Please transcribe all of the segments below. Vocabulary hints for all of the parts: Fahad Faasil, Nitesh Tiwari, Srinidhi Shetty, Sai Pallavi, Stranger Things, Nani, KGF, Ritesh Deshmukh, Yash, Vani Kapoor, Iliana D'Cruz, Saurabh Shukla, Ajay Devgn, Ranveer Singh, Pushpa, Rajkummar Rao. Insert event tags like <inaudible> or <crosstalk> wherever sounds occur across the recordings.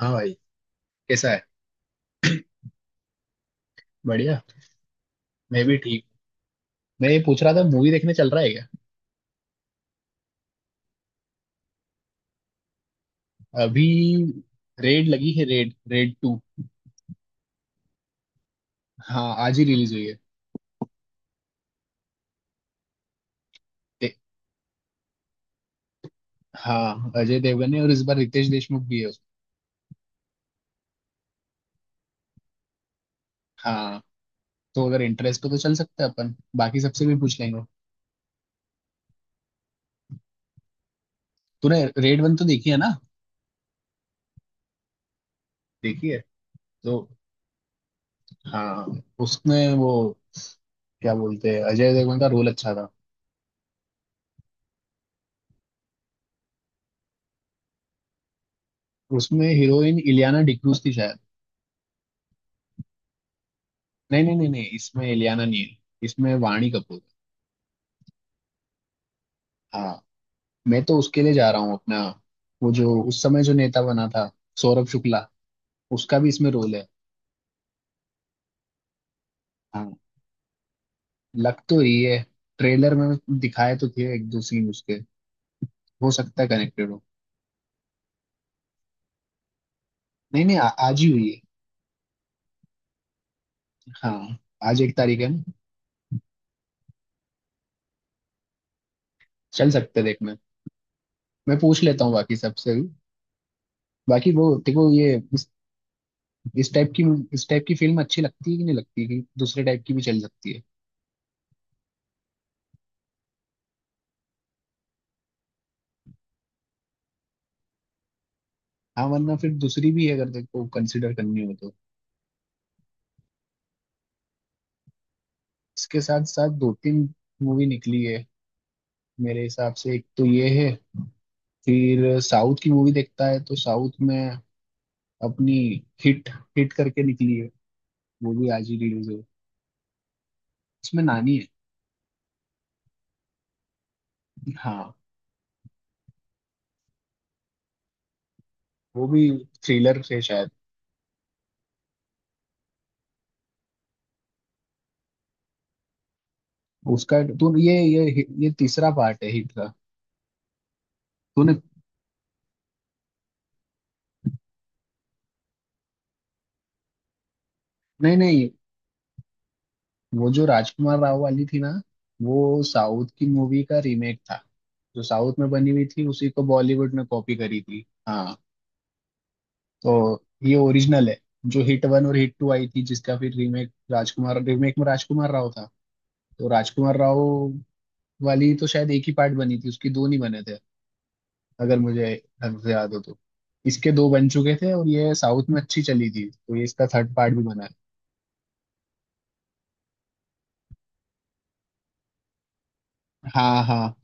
हाँ भाई। कैसा है? बढ़िया। मैं भी ठीक। मैं ये पूछ रहा था, मूवी देखने चल रहा है क्या? अभी रेड लगी है, रेड रेड टू। हाँ आज ही रिलीज हुई है। दे- हाँ अजय देवगन है और इस बार रितेश देशमुख भी है उसमें। हाँ। तो अगर इंटरेस्ट हो तो चल सकते हैं अपन, बाकी सबसे भी पूछ लेंगे। तूने रेड वन तो देखी है ना? देखी है। तो हाँ उसमें वो क्या बोलते हैं, अजय देवगन का रोल अच्छा था। उसमें हीरोइन इलियाना डिक्रूज थी शायद। नहीं नहीं नहीं नहीं, इसमें इलियाना नहीं है। इसमें वाणी कपूर। हाँ। मैं तो उसके लिए जा रहा हूँ अपना। वो जो उस समय जो नेता बना था, सौरभ शुक्ला, उसका भी इसमें रोल है। हाँ लग तो रही है ट्रेलर में। दिखाए तो थे एक दो सीन उसके। हो सकता है कनेक्टेड हो। नहीं नहीं आज ही हुई है। हाँ आज एक तारीख है ना। चल सकते हैं देखने। मैं पूछ लेता हूँ बाकी सबसे भी। बाकी वो देखो, ये इस टाइप की इस टाइप की फिल्म अच्छी लगती है कि नहीं लगती, कि दूसरे टाइप की भी चल सकती है? हाँ वरना फिर दूसरी भी है, अगर देखो कंसिडर करनी हो तो। इसके साथ साथ दो तीन मूवी निकली है। मेरे हिसाब से एक तो ये है। फिर साउथ की मूवी देखता है तो साउथ में अपनी हिट हिट करके निकली है। वो भी आज ही रिलीज हुई। उसमें नानी है। हाँ वो भी थ्रिलर से शायद। उसका तू ये तीसरा पार्ट है हिट का। तूने। नहीं नहीं वो जो राजकुमार राव वाली थी ना, वो साउथ की मूवी का रीमेक था। जो साउथ में बनी हुई थी, उसी को बॉलीवुड ने कॉपी करी थी, हाँ। तो ये ओरिजिनल है। जो हिट वन और हिट टू आई थी, जिसका फिर रीमेक में राजकुमार राव था। तो राजकुमार राव वाली तो शायद एक ही पार्ट बनी थी उसकी, दो नहीं बने थे, अगर मुझे ढंग से याद हो तो। इसके दो बन चुके थे और ये साउथ में अच्छी चली थी, तो ये इसका थर्ड पार्ट भी बना है। हाँ हाँ।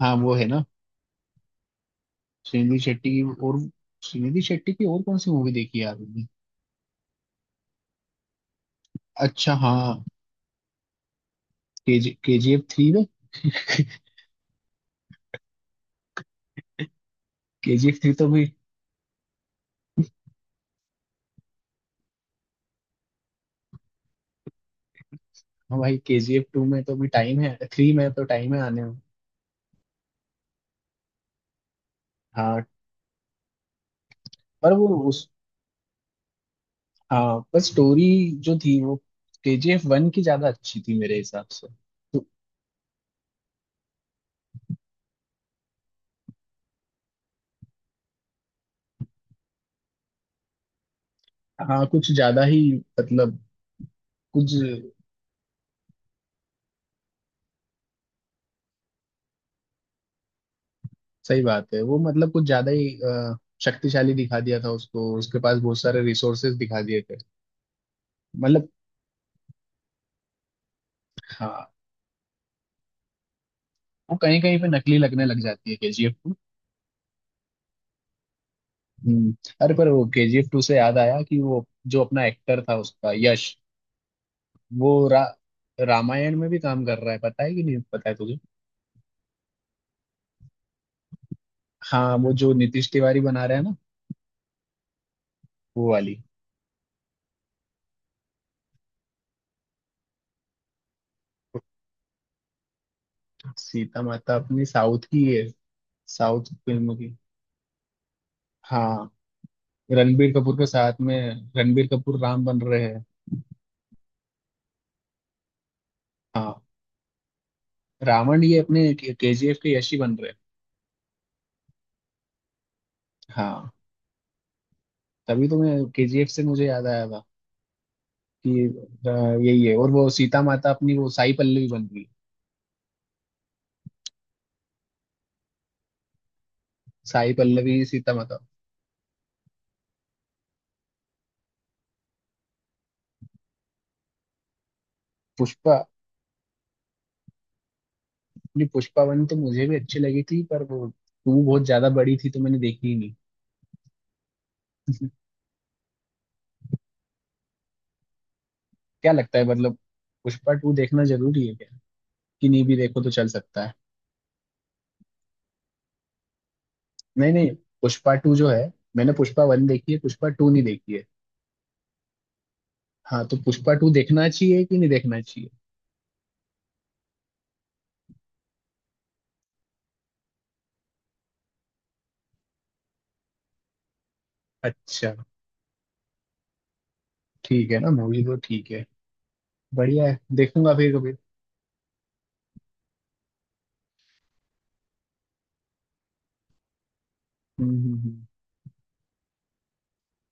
हाँ वो है ना। श्रीनिधि शेट्टी की और श्रीनिधि शेट्टी की और कौन सी मूवी देखी है यार मैंने? अच्छा हाँ। केजीएफ थ्री में। <laughs> केजीएफ थ्री तो भी। हाँ भाई केजीएफ टू में तो भी टाइम है, थ्री में तो टाइम है आने में। हाँ पर वो उस। हाँ पर स्टोरी जो थी वो केजीएफ वन की ज्यादा अच्छी थी मेरे हिसाब से। तो हाँ कुछ ज्यादा ही, मतलब कुछ। सही बात है, वो मतलब कुछ ज्यादा ही शक्तिशाली दिखा दिया था उसको, उसके पास बहुत सारे रिसोर्सेज दिखा दिए थे। मतलब। हाँ। वो कहीं कहीं पे नकली लगने लग जाती है केजीएफ टू। हम्म। अरे पर वो केजीएफ टू से याद आया कि वो जो अपना एक्टर था उसका यश, वो रा, रामायण में भी काम कर रहा है, पता है कि नहीं पता है तुझे? हाँ वो जो नीतीश तिवारी बना रहा है ना, वो वाली। सीता माता अपनी साउथ की है, साउथ फिल्म की। हाँ रणबीर कपूर के साथ में, रणबीर कपूर राम बन रहे हैं। हाँ रावण ये अपने केजीएफ के यश ही बन रहे हैं। हाँ तभी तो मैं केजीएफ से मुझे याद आया था कि अ, यही है। और वो सीता माता अपनी वो साई पल्लवी बन रही है। साई पल्लवी सीता माता। पुष्पा। अपनी पुष्पा वन तो मुझे भी अच्छी लगी थी पर वो टू बहुत ज्यादा बड़ी थी तो मैंने देखी ही नहीं। क्या लगता है, मतलब पुष्पा टू देखना जरूरी है क्या, कि नहीं भी देखो तो चल सकता है? नहीं नहीं पुष्पा टू जो है, मैंने पुष्पा वन देखी है, पुष्पा टू नहीं देखी है। हाँ तो पुष्पा टू देखना चाहिए कि नहीं देखना चाहिए? अच्छा। ठीक है ना, मूवी तो ठीक है। बढ़िया है, देखूंगा फिर कभी। हम्म हम्म, हम्म।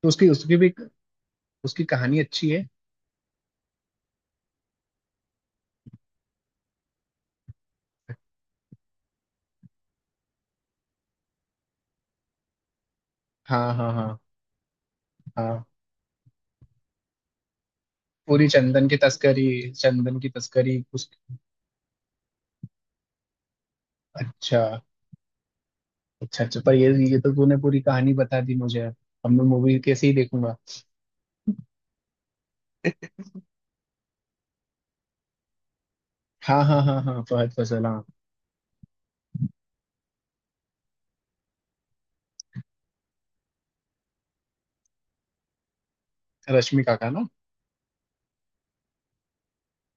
तो उसकी उसकी भी उसकी कहानी अच्छी है। हाँ हाँ हाँ हाँ। पूरी चंदन की तस्करी। चंदन की तस्करी उस। अच्छा। अच्छा अच्छा पर ये तो तूने पूरी कहानी बता दी मुझे, अब मैं मूवी कैसे ही देखूंगा? हाँ हाँ हाँ हाँ फहद फैसल हाँ। रश्मिका का ना।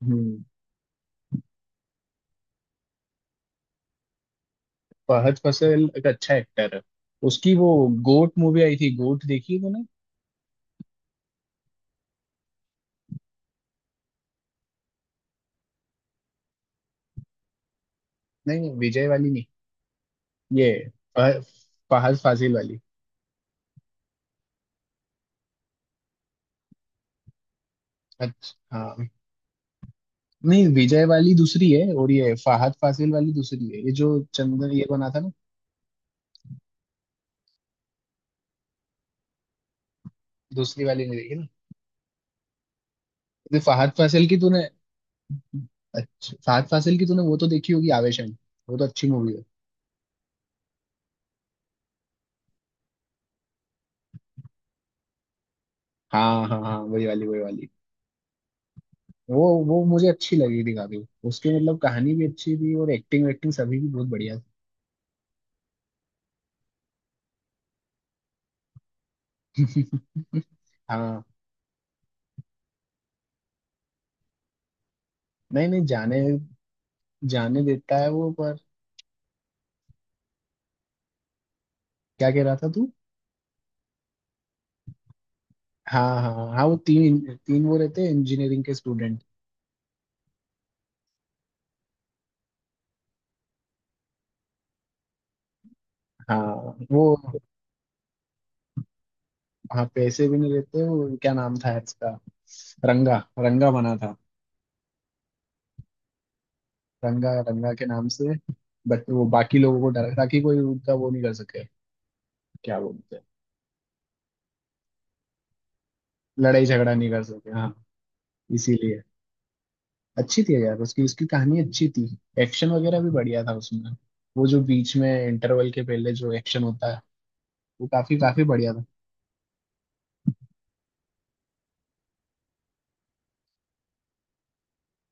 हम्म। फहद फैसल एक अच्छा एक्टर है। उसकी वो गोट मूवी आई थी। गोट देखी तूने? नहीं नहीं विजय वाली नहीं। ये फह- फहद फासिल वाली। अच्छा हाँ। नहीं विजय वाली दूसरी है और ये फहद फासिल वाली दूसरी है, ये जो चंदन ये बना था ना। दूसरी वाली नहीं देखी ना? ये फहद फासिल की तूने। अच्छा फहद फासिल की तूने वो तो देखी होगी आवेशन। वो तो अच्छी मूवी है। हाँ हाँ हाँ वही वाली वही वाली। वो मुझे अच्छी लगी थी काफी। उसकी मतलब कहानी भी अच्छी थी और एक्टिंग वेक्टिंग सभी भी बहुत बढ़िया थी। <laughs> हाँ। नहीं नहीं जाने जाने देता है वो, पर क्या कह रहा था तू? हाँ हाँ हाँ हाँ, वो तीन। तीन वो रहते हैं इंजीनियरिंग के स्टूडेंट। हाँ वो। हाँ पैसे भी नहीं रहते, वो क्या नाम था इसका? रंगा रंगा बना था। रंगा रंगा के नाम से। बट वो बाकी लोगों को डरा ताकि कोई उनका वो नहीं कर सके। क्या बोलते हैं। लड़ाई झगड़ा नहीं कर सके, हाँ। इसीलिए। अच्छी थी यार, उसकी उसकी कहानी अच्छी थी। एक्शन वगैरह भी बढ़िया था उसमें। वो जो बीच में इंटरवल के पहले जो एक्शन होता है, वो काफी काफी बढ़िया था।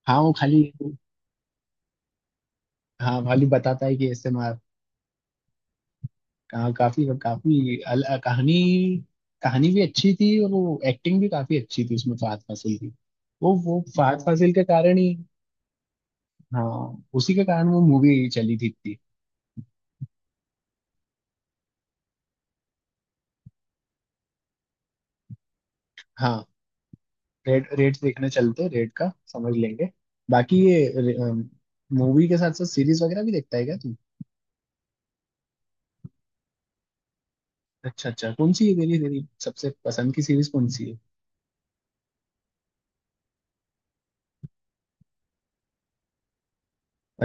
हाँ वो खाली। हाँ खाली बताता है कि ऐसे मार। कहाँ काफी काफी कहानी। कहानी भी अच्छी थी और वो एक्टिंग भी काफी अच्छी थी उसमें फहद फासिल की। वो फहद फासिल के कारण ही। हाँ उसी के कारण वो मूवी चली थी इतनी। हाँ। रेट रेट देखने चलते, रेट का समझ लेंगे। बाकी ये मूवी के साथ साथ सीरीज वगैरह भी देखता है क्या तू? अच्छा अच्छा, कौन सी है तेरी तेरी सबसे पसंद की सीरीज कौन सी है?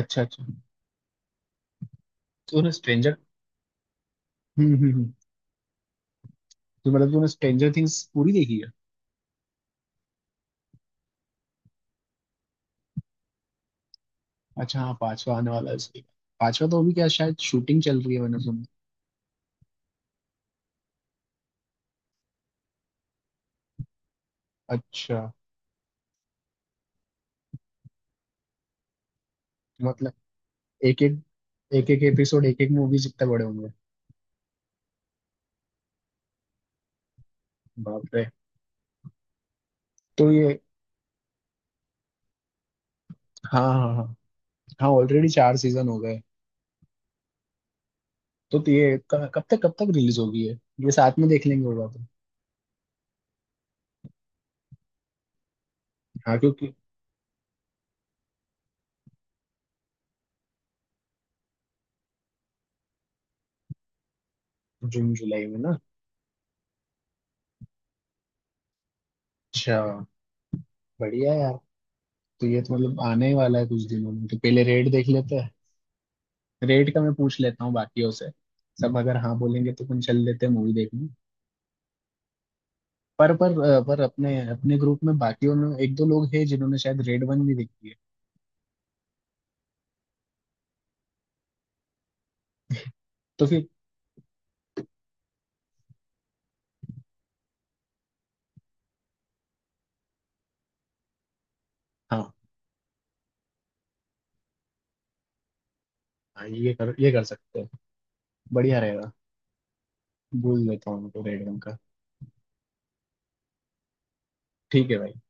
अच्छा अच्छा, तूने स्ट्रेंजर। हम्म हम्म हम्म। तो मतलब तूने स्ट्रेंजर थिंग्स पूरी देखी है? अच्छा हाँ पांचवा आने वाला है उसके। पांचवा तो अभी क्या शायद शूटिंग चल रही है, मैंने सुना। अच्छा। मतलब एक एक। एक एक एपिसोड एक एक मूवी जितने बड़े होंगे। बाप रे। तो ये। हाँ हाँ हाँ हाँ ऑलरेडी चार सीजन हो गए। तो ये कब तक रिलीज होगी है? ये साथ में देख लेंगे होगा तो। हाँ क्योंकि। जून जुलाई में ना। अच्छा बढ़िया है यार। तो ये तो मतलब आने ही वाला है कुछ दिनों में, तो पहले रेट देख लेते हैं। रेट का मैं पूछ लेता हूँ बाकियों से। सब अगर हाँ बोलेंगे तो अपन चल लेते हैं मूवी देखने। पर अपने अपने ग्रुप में बाकियों में एक दो लोग हैं जिन्होंने शायद रेड वन भी देखी है। तो फिर। हाँ हाँ ये कर सकते हैं। बढ़िया रहेगा। भूल लेता हूँ उनको रेड वन का। ठीक है भाई।